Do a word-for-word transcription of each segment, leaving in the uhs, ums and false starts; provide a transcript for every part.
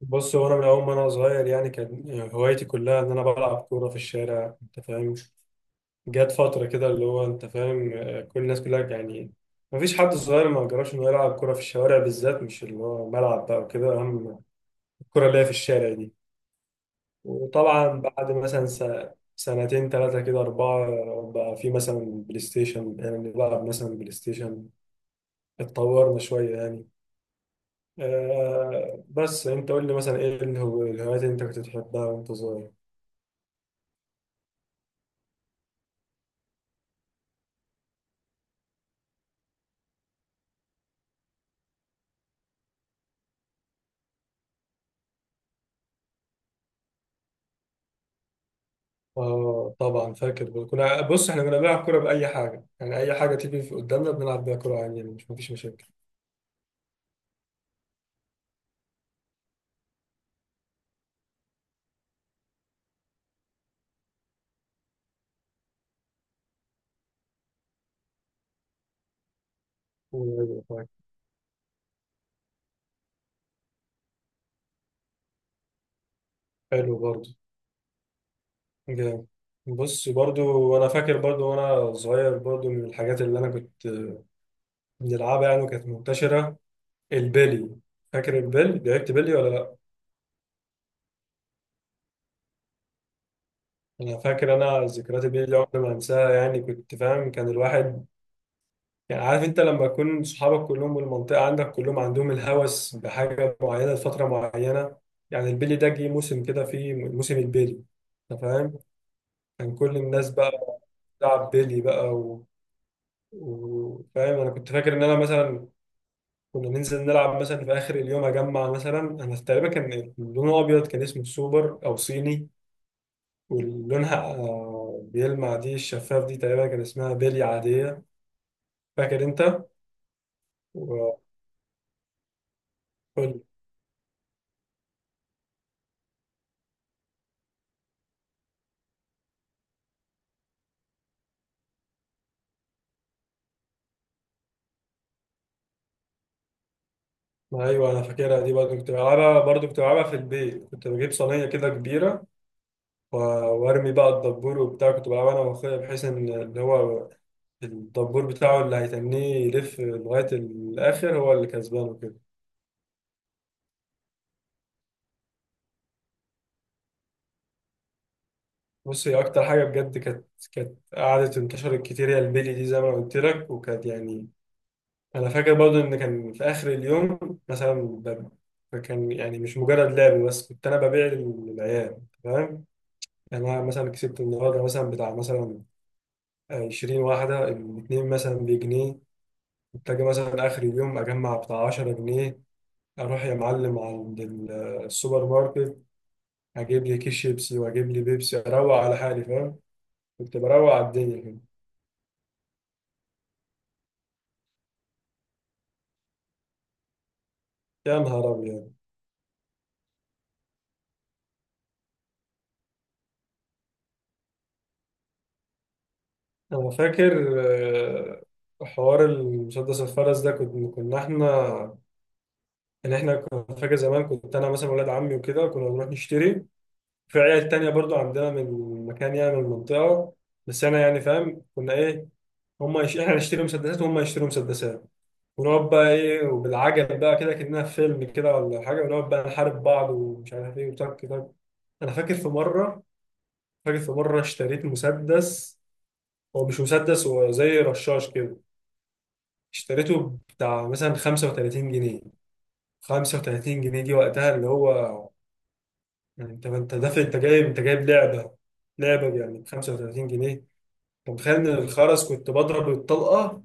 بص هو انا من اول ما انا صغير يعني كان هوايتي كلها ان انا بلعب كوره في الشارع، انت فاهم. جت فتره كده اللي هو انت فاهم، آه، كل الناس كلها يعني ما فيش حد صغير ما جربش انه يلعب كوره في الشوارع، بالذات مش اللي هو ملعب بقى وكده، اهم الكوره اللي هي في الشارع دي. وطبعا بعد مثلا س- سنتين ثلاثه كده اربعه بقى في مثلا بلاي ستيشن، يعني بنلعب مثلا بلاي ستيشن، اتطورنا شويه يعني. آه بس انت قول لي مثلا ايه الهو- الهوايات اللي انت كنت بتحبها وانت صغير. اه طبعا فاكر، كنا بص احنا كنا بنلعب كوره باي حاجه، يعني اي حاجه تيجي في قدامنا بنلعب بيها كوره عادي يعني، مش مفيش مشاكل. ايوه فاكر. حلو برضو. جامد. بص برضو انا فاكر برضو وانا صغير، برضو من الحاجات اللي انا كنت بنلعبها يعني وكانت منتشره، البلي. فاكر البلي؟ لعبت بلي ولا لا؟ انا فاكر، انا ذكريات البلي دي عمري ما انساها يعني، كنت فاهم كان الواحد يعني عارف انت لما يكون صحابك كلهم والمنطقة عندك كلهم عندهم الهوس بحاجة معينة لفترة معينة. يعني البيلي ده جه موسم كده، فيه موسم البيلي، انت فاهم. كان كل الناس بقى بتلعب بيلي بقى و... و... فاهم انا كنت فاكر ان انا مثلا كنا ننزل نلعب مثلا في اخر اليوم اجمع مثلا. انا تقريبا كان لونه ابيض، كان اسمه السوبر او صيني، ولونها آه، بيلمع، دي الشفاف دي. تقريبا كان اسمها بيلي عادية، فاكر انت؟ وكل ايوه انا فاكرها دي برضه، كنت بلعبها برضه، كنت بلعبها في البيت، كنت بجيب صينيه كده كبيره و- وارمي بقى الدبور وبتاع. كنت بلعبها انا واخويا بحيث ان اللي هو الدبور بتاعه اللي هيتنيه يلف لغايه الاخر هو اللي كسبان وكده. بص هي اكتر حاجه بجد كانت كانت قعدت انتشرت كتير هي البيلي دي، زي ما قلت لك، وكانت يعني انا فاكر برضه ان كان في اخر اليوم مثلا ب- فكان يعني مش مجرد لعب بس، كنت انا ببيع للعيال، فاهم. يعني انا مثلا كسبت النهارده مثلا بتاع مثلا عشرين واحدة، الاتنين مثلا بجنيه. محتاج مثلا آخر اليوم أجمع بتاع عشرة جنيه، أروح يا معلم عند ال- السوبر ماركت، أجيب لي كيس شيبسي وأجيب لي بيبسي، أروق على حالي، فاهم. كنت بروق على الدنيا كده. يا نهار أبيض. أنا فاكر آه، حوار المسدس الفرس ده، كنا كنا إحنا يعني إحنا كنا. فاكر زمان كنت أنا مثلا ولاد عمي وكده كنا بنروح نشتري، في عيال تانية برضو عندنا من مكان يعني من المنطقة. بس أنا يعني فاهم كنا إيه، هم يش... احنا نشتري مسدسات وهم يشتروا مسدسات، ونقعد بقى ايه وبالعجل بقى كده، كأنها في فيلم كده ولا حاجه، ونقعد بقى نحارب بعض ومش عارف ايه، وتك تك. انا فاكر في مره، فاكر في مره اشتريت مسدس، هو مش مسدس، هو زي رشاش كده، اشتريته بتاع مثلا خمسة وتلاتين جنيه. خمسة وتلاتين جنيه دي وقتها اللي هو، يعني انت انت دافع، انت جايب، انت جايب لعبه، لعبه يعني ب خمسة وتلاتين جنيه، انت متخيل؟ ان الخرز كنت بضرب الطلقه،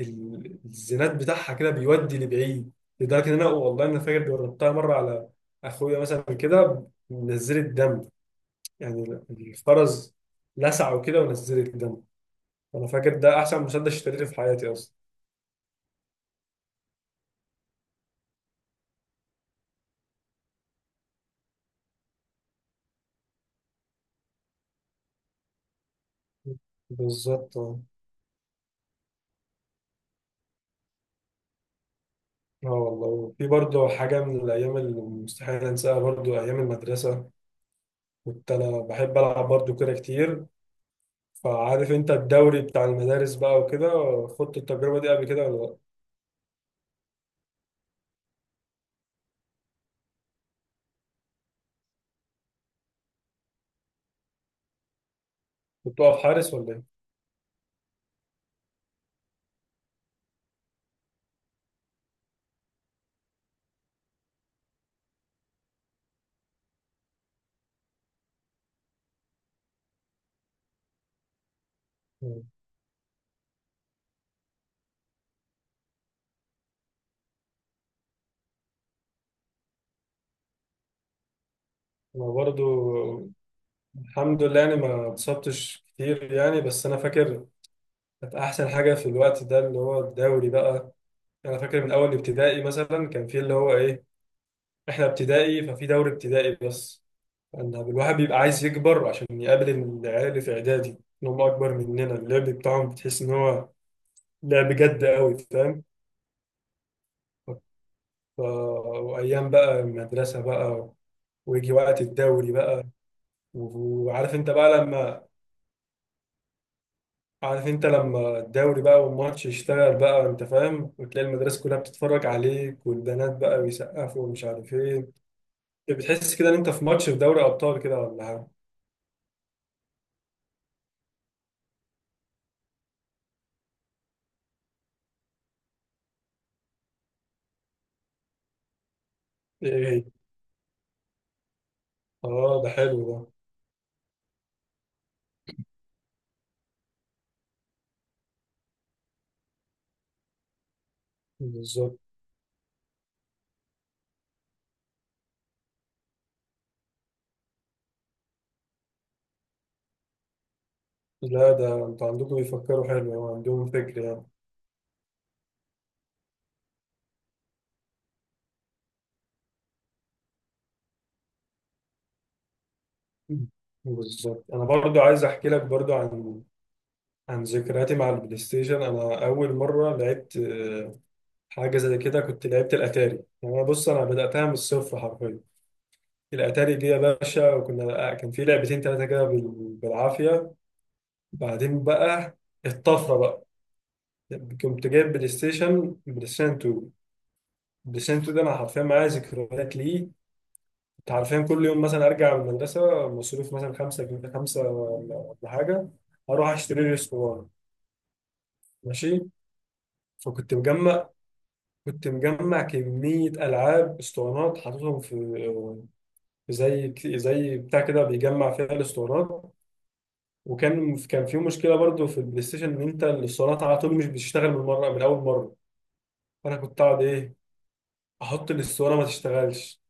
ال- الزناد بتاعها كده بيودي لبعيد، لدرجه ان انا والله انا فاكر جربتها مره على اخويا مثلا كده، نزلت دم يعني، الفرز لسعه وكده، ونزلت دم. انا فاكر ده احسن مسدس اشتريته في حياتي اصلا. بالظبط اه. آه والله في برضه حاجة من الأيام اللي مستحيل أنساها، برضه أيام المدرسة كنت أنا بحب ألعب برضه كورة كتير، فعارف أنت الدوري بتاع المدارس بقى وكده. خدت التجربة دي قبل كده ولا لأ؟ كنت واقف حارس ولا إيه؟ انا برضو الحمد لله يعني ما اتصبتش كتير يعني، بس انا فاكر كانت احسن حاجه في الوقت ده اللي هو الدوري بقى. يعني انا فاكر من اول ابتدائي مثلا كان في اللي هو ايه، احنا ابتدائي ففي دوري ابتدائي بس، ان الواحد بيبقى عايز يكبر عشان يقابل العيال اللي في اعدادي، ان هم اكبر مننا، اللعب بتاعهم بتحس ان هو لعب جد قوي، فاهم. ف- وايام بقى المدرسه بقى، ويجي وقت الدوري بقى، وعارف انت بقى لما، عارف انت لما الدوري بقى والماتش يشتغل بقى، انت فاهم، وتلاقي المدرسة كلها بتتفرج عليك، والبنات بقى بيسقفوا ومش عارف ايه، بتحس كده ان انت في ماتش في دوري ابطال كده ولا حاجة. ايه ايه. اه ده حلو ده. بالظبط، لا ده انتوا عندكم بيفكروا حلو، اه، عندهم فكر يعني. مم. بالظبط انا برضو عايز احكي لك برضو عن عن ذكرياتي مع البلاي ستيشن. انا اول مرة لعبت اه، حاجة زي كده كنت لعبت الاتاري. يعني انا بص انا بدأتها من الصفر حرفيا، الاتاري دي يا باشا، وكنا كان في لعبتين ثلاثه كده بال- بالعافيه. بعدين بقى الطفره بقى، كنت جايب بلاي ستيشن، بلاي ستيشن اتنين. بلاي ستيشن تو ده انا حرفيا معايا ذكريات ليه. كنت حرفيا كل يوم مثلا ارجع من المدرسه مصروف مثلا خمسة جنيه، خمسة ولا ولا حاجه، اروح اشتري لي اسطوانه، ماشي. فكنت مجمع، كنت مجمع كميه العاب اسطوانات، حاططهم في في زي زي بتاع كده بيجمع فيها الاسطوانات. وكان كان في مشكله برضو في البلاي ستيشن ان انت الاسطوانات على طول مش بتشتغل من مره من اول مره. فانا كنت اقعد ايه، احط الاسطوانه ما تشتغلش،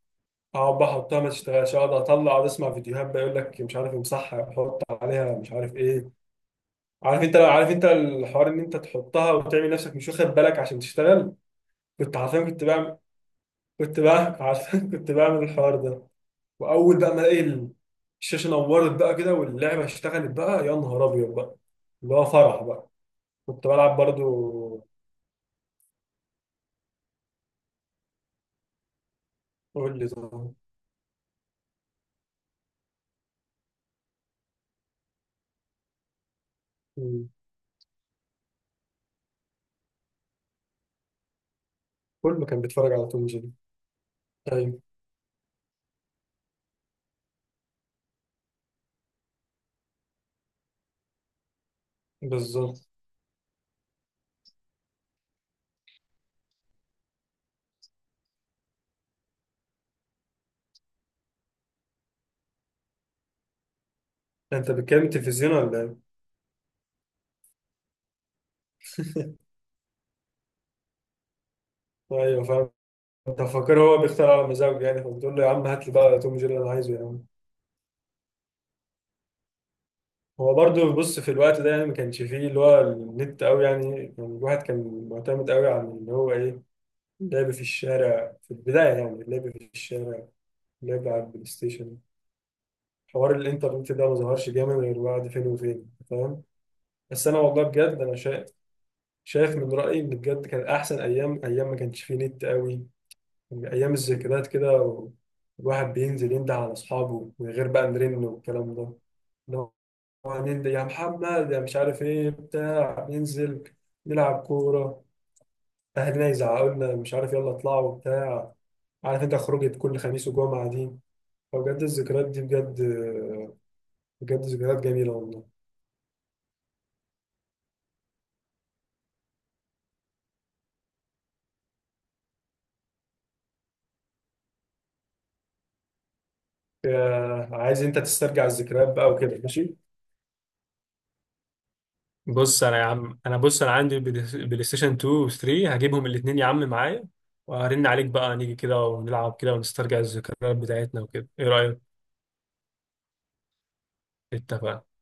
اقعد بقى احطها ما تشتغلش، اقعد اطلع اقعد اسمع فيديوهات بقى يقول لك مش عارف امسحها، حط عليها مش عارف ايه. عارف انت، لو عارف انت الحوار ان انت تحطها وتعمل نفسك مش واخد بالك عشان تشتغل. كنت عارفين كنت بعمل، كنت بعمل عارفين كنت بعمل الحوار ده. واول بقى ما الاقي الشاشه نورت بقى كده واللعبه اشتغلت بقى، يا نهار ابيض بقى، اللي هو فرح بقى. كنت بلعب برضو. قول لي طبعا. مم. كله كان بيتفرج على توم جيري. ايوه. بالظبط. انت بتتكلم تلفزيون ولا ايه؟ ايوه فاهم. انت فاكر هو بيختار على مزاجه يعني، فبتقول له يا عم هات لي بقى توم جيري اللي انا عايزه يا عم. هو برضو بص في الوقت ده يعني ما كانش فيه اللي هو النت قوي، يعني يعني الواحد كان معتمد قوي على اللي هو ايه، لعب في الشارع في البدايه، يعني لعب في الشارع، لعب على البلاي ستيشن. حوار الانترنت ده ما ظهرش جامد غير بعد فين وفين، فاهم. بس انا والله بجد انا شايف، شايف من رأيي إن بجد كان أحسن أيام، أيام ما كانش فيه نت قوي، أيام الذكريات كده و- الواحد بينزل ينده على أصحابه من غير بقى نرن والكلام ده. إن هو هننده يا محمد يا مش عارف إيه بتاع، ننزل نلعب كورة، أهلنا يزعقوا لنا مش عارف يلا اطلعوا وبتاع، عارف أنت خروجة كل خميس وجمعة دي، فبجد الذكريات دي بجد، بجد ذكريات جميلة والله. آه، عايز أنت تسترجع الذكريات بقى وكده، ماشي. بص انا يا عم انا بص انا عندي بلاي بلاي ستيشن تو و تلاتة، هجيبهم الاثنين يا عم معايا، وهرن عليك بقى نيجي كده ونلعب كده ونسترجع الذكريات بتاعتنا وكده، ايه رأيك؟ اتفقنا.